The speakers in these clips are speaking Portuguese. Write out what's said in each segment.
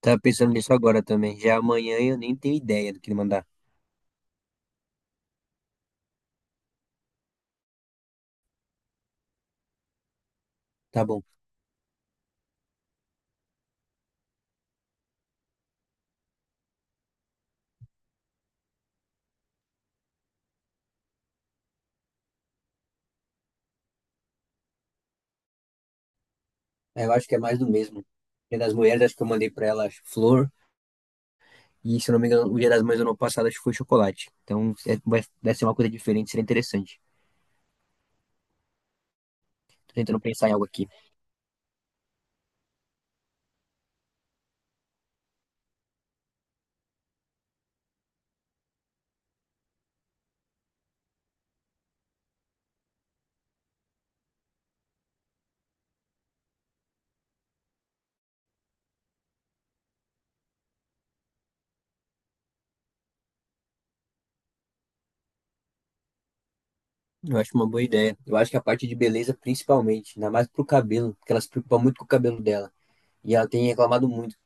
Tava pensando nisso agora também. Já amanhã eu nem tenho ideia do que mandar. Tá bom. Eu acho que é mais do mesmo. Dia das Mulheres, acho que eu mandei pra ela flor. E se eu não me engano, o Dia das Mães do ano passado acho que foi chocolate. Então vai ser uma coisa diferente, seria interessante. Tô tentando pensar em algo aqui. Eu acho uma boa ideia. Eu acho que a parte de beleza, principalmente, ainda mais pro cabelo, porque ela se preocupa muito com o cabelo dela. E ela tem reclamado muito.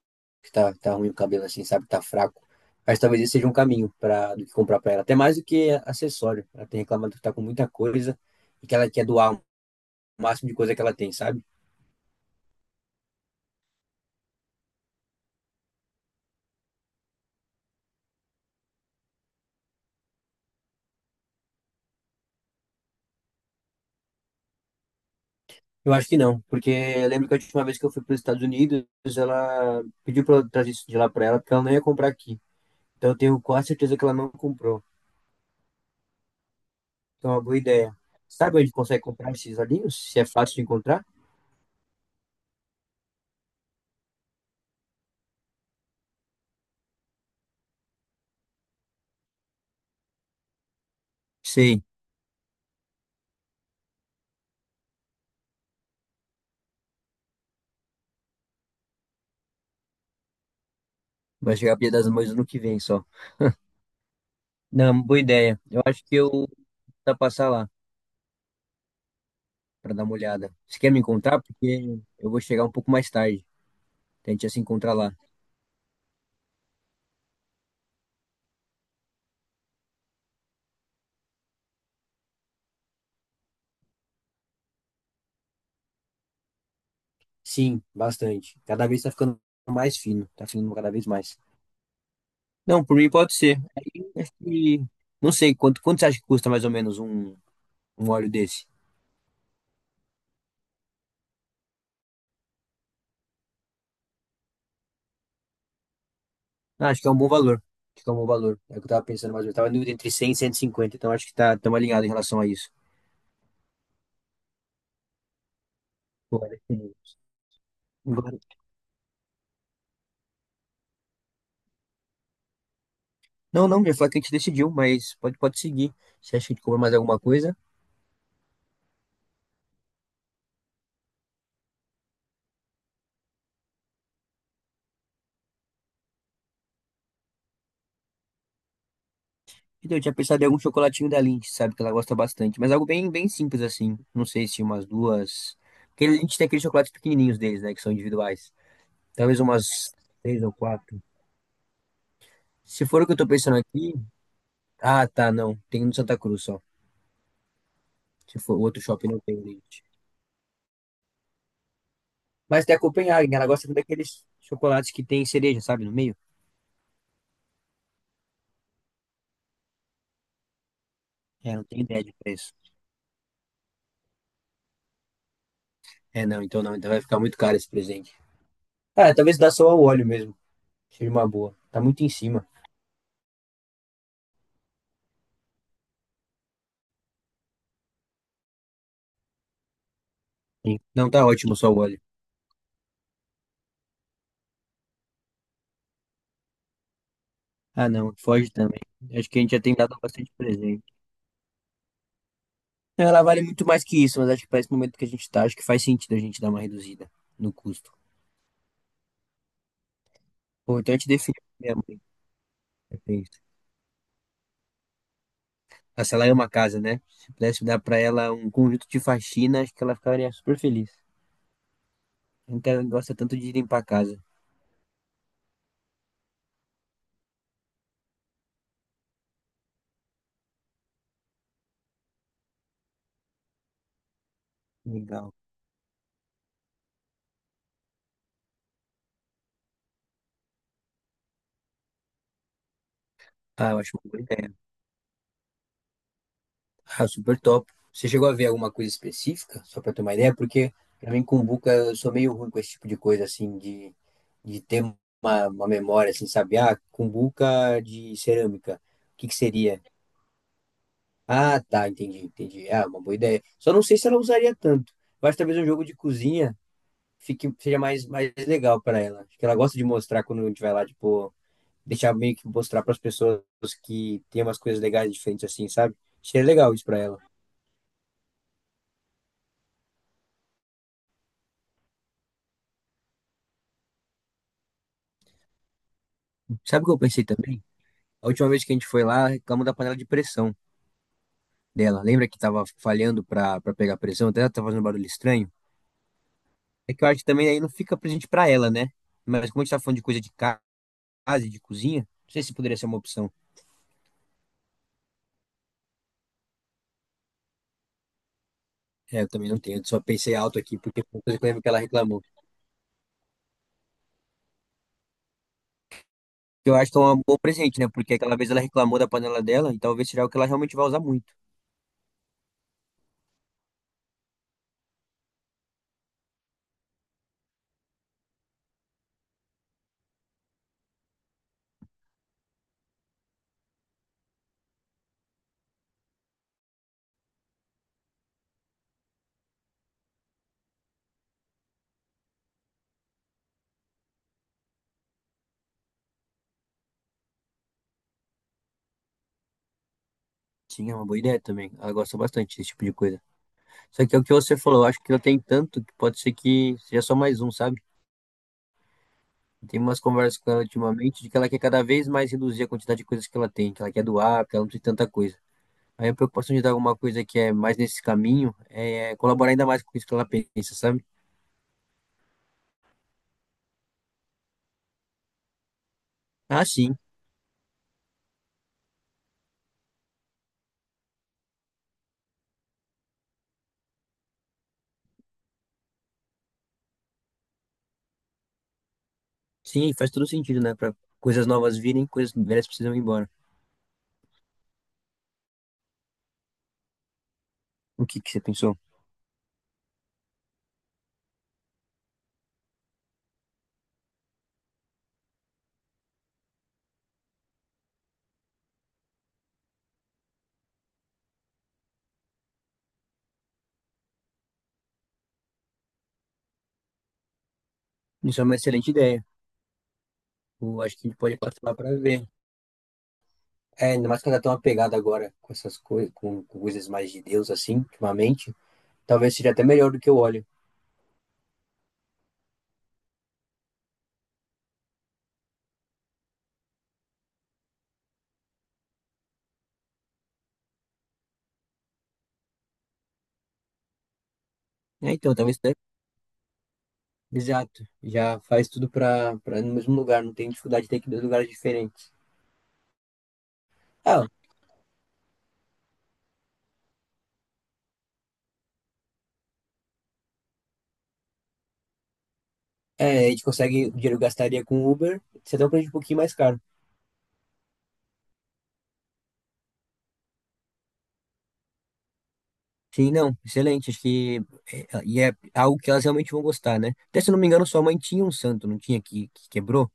Que tá ruim o cabelo assim, sabe? Tá fraco. Mas talvez esse seja um caminho para do que comprar para ela. Até mais do que acessório. Ela tem reclamado que tá com muita coisa e que ela quer doar o máximo de coisa que ela tem, sabe? Eu acho que não, porque eu lembro que a última vez que eu fui para os Estados Unidos, ela pediu para eu trazer isso de lá para ela, porque ela não ia comprar aqui. Então eu tenho quase certeza que ela não comprou. Então é uma boa ideia. Sabe onde consegue comprar esses olhinhos? Se é fácil de encontrar? Sei, vai chegar a Dia das Mães no ano que vem só. Não, boa ideia. Eu acho que eu vou tentar passar lá, para dar uma olhada. Você quer me encontrar? Porque eu vou chegar um pouco mais tarde. A gente ia se encontrar lá. Sim, bastante. Cada vez tá ficando mais fino. Tá ficando cada vez mais. Não, por mim pode ser. Aí, acho que... Não sei, quanto você acha que custa mais ou menos um óleo desse? Ah, acho que é um bom valor. Acho que é um bom valor. É o que eu tava pensando mais ou menos. Tava em dúvida entre 100 e 150, então acho que tá, estamos alinhados em relação a isso. Pô, olha que... Não, não, já falei que a gente decidiu, mas pode seguir. Você acha que a gente cobra mais alguma coisa? Então, eu tinha pensado em algum chocolatinho da Lindt, sabe? Que ela gosta bastante. Mas algo bem simples, assim. Não sei se umas duas. Porque a Lindt tem aqueles chocolates pequenininhos deles, né? Que são individuais. Talvez umas três ou quatro. Se for o que eu tô pensando aqui. Ah, tá, não. Tem um no Santa Cruz só. Se for o outro shopping, não tem Lindt. Mas tem a Copenhagen. Ela gosta daqueles chocolates que tem cereja, sabe? No meio. É, não tenho ideia de preço. É, não, então não. Então vai ficar muito caro esse presente. Ah, talvez dá só o óleo mesmo. Seja uma boa. Tá muito em cima. Sim. Não, tá ótimo só o óleo. Ah, não, foge também. Acho que a gente já tem dado bastante presente. Ela vale muito mais que isso, mas acho que para esse momento que a gente tá, acho que faz sentido a gente dar uma reduzida no custo. Pô, então a gente definiu minha mãe. Perfeito. Ah, se ela é uma casa, né? Se pudesse dar para ela um conjunto de faxina, acho que ela ficaria super feliz. A gente gosta tanto de limpar a casa. Legal. Ah, eu acho uma boa ideia. Ah, super top. Você chegou a ver alguma coisa específica, só para ter uma ideia? Porque pra mim, cumbuca, eu sou meio ruim com esse tipo de coisa, assim, de ter uma memória, assim, sabe? Ah, cumbuca de cerâmica. O que que seria? Ah, tá, entendi. Ah, uma boa ideia. Só não sei se ela usaria tanto. Eu acho que talvez um jogo de cozinha seja mais legal para ela. Acho que ela gosta de mostrar quando a gente vai lá, tipo, deixar meio que mostrar para as pessoas que tem umas coisas legais diferentes, assim, sabe? Seria legal isso para ela. Sabe o que eu pensei também? A última vez que a gente foi lá, reclamou da panela de pressão dela. Lembra que tava falhando pra pegar pressão? Até ela tava fazendo um barulho estranho. É que eu acho que também aí não fica presente pra ela, né? Mas como a gente tá falando de coisa de casa e de cozinha, não sei se poderia ser uma opção. É, eu também não tenho. Eu só pensei alto aqui, porque foi uma coisa que eu lembro que ela reclamou. Que eu acho que é um bom presente, né? Porque aquela vez ela reclamou da panela dela e talvez seja o que ela realmente vai usar muito. Sim, é uma boa ideia também. Ela gosta bastante desse tipo de coisa. Só que é o que você falou, eu acho que eu tem tanto que pode ser que seja só mais um, sabe? Tem umas conversas com ela ultimamente de que ela quer cada vez mais reduzir a quantidade de coisas que ela tem, que ela quer doar, que ela não tem tanta coisa. Aí a preocupação de dar alguma coisa que é mais nesse caminho é colaborar ainda mais com isso que ela pensa, sabe? Ah, sim. Sim, faz todo sentido, né? Para coisas novas virem, coisas velhas precisam ir embora. O que que você pensou? Isso é uma excelente ideia. Eu acho que a gente pode passar lá para ver. É, ainda mais que ela tá tão apegada agora com essas coisas, com coisas mais de Deus, assim, ultimamente. Talvez seja até melhor do que o óleo. É, então, talvez Exato, já faz tudo para no mesmo lugar, não tem dificuldade de ter que ir em dois lugares diferentes. Ah, é, a gente consegue, o dinheiro que gastaria com Uber, você dá um preço um pouquinho mais caro. Sim, não, excelente, acho que é, e é algo que elas realmente vão gostar, né? Até se eu não me engano, sua mãe tinha um santo, não tinha, que quebrou?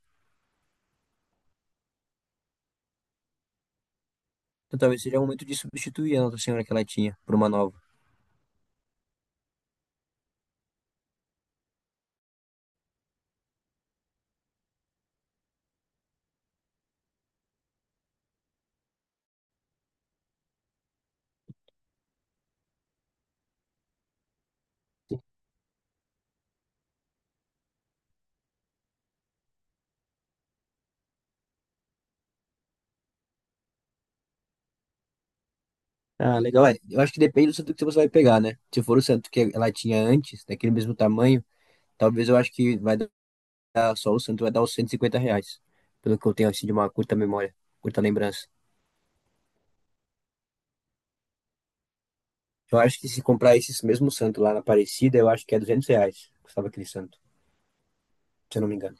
Então talvez seja o momento de substituir a Nossa Senhora que ela tinha por uma nova. Ah, legal, é, eu acho que depende do santo que você vai pegar, né? Se for o santo que ela tinha antes, daquele mesmo tamanho, talvez eu acho que vai dar só o Santos vai dar os R$ 150, pelo que eu tenho assim de uma curta memória, curta lembrança. Eu acho que se comprar esses mesmos Santos lá na Aparecida, eu acho que é R$ 200, custava aquele santo, se eu não me engano.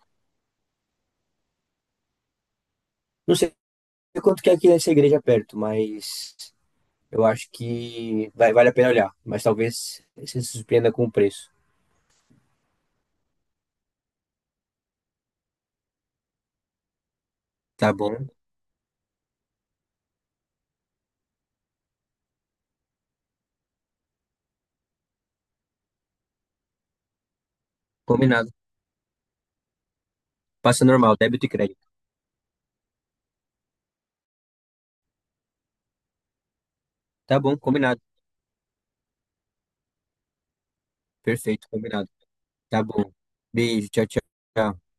Não sei quanto que é aqui nessa igreja perto, mas eu acho que vai, vale a pena olhar, mas talvez você se surpreenda com o preço. Tá bom, combinado. Passa normal, débito e crédito. Tá bom, combinado. Perfeito, combinado. Tá bom. Beijo, tchau, tchau.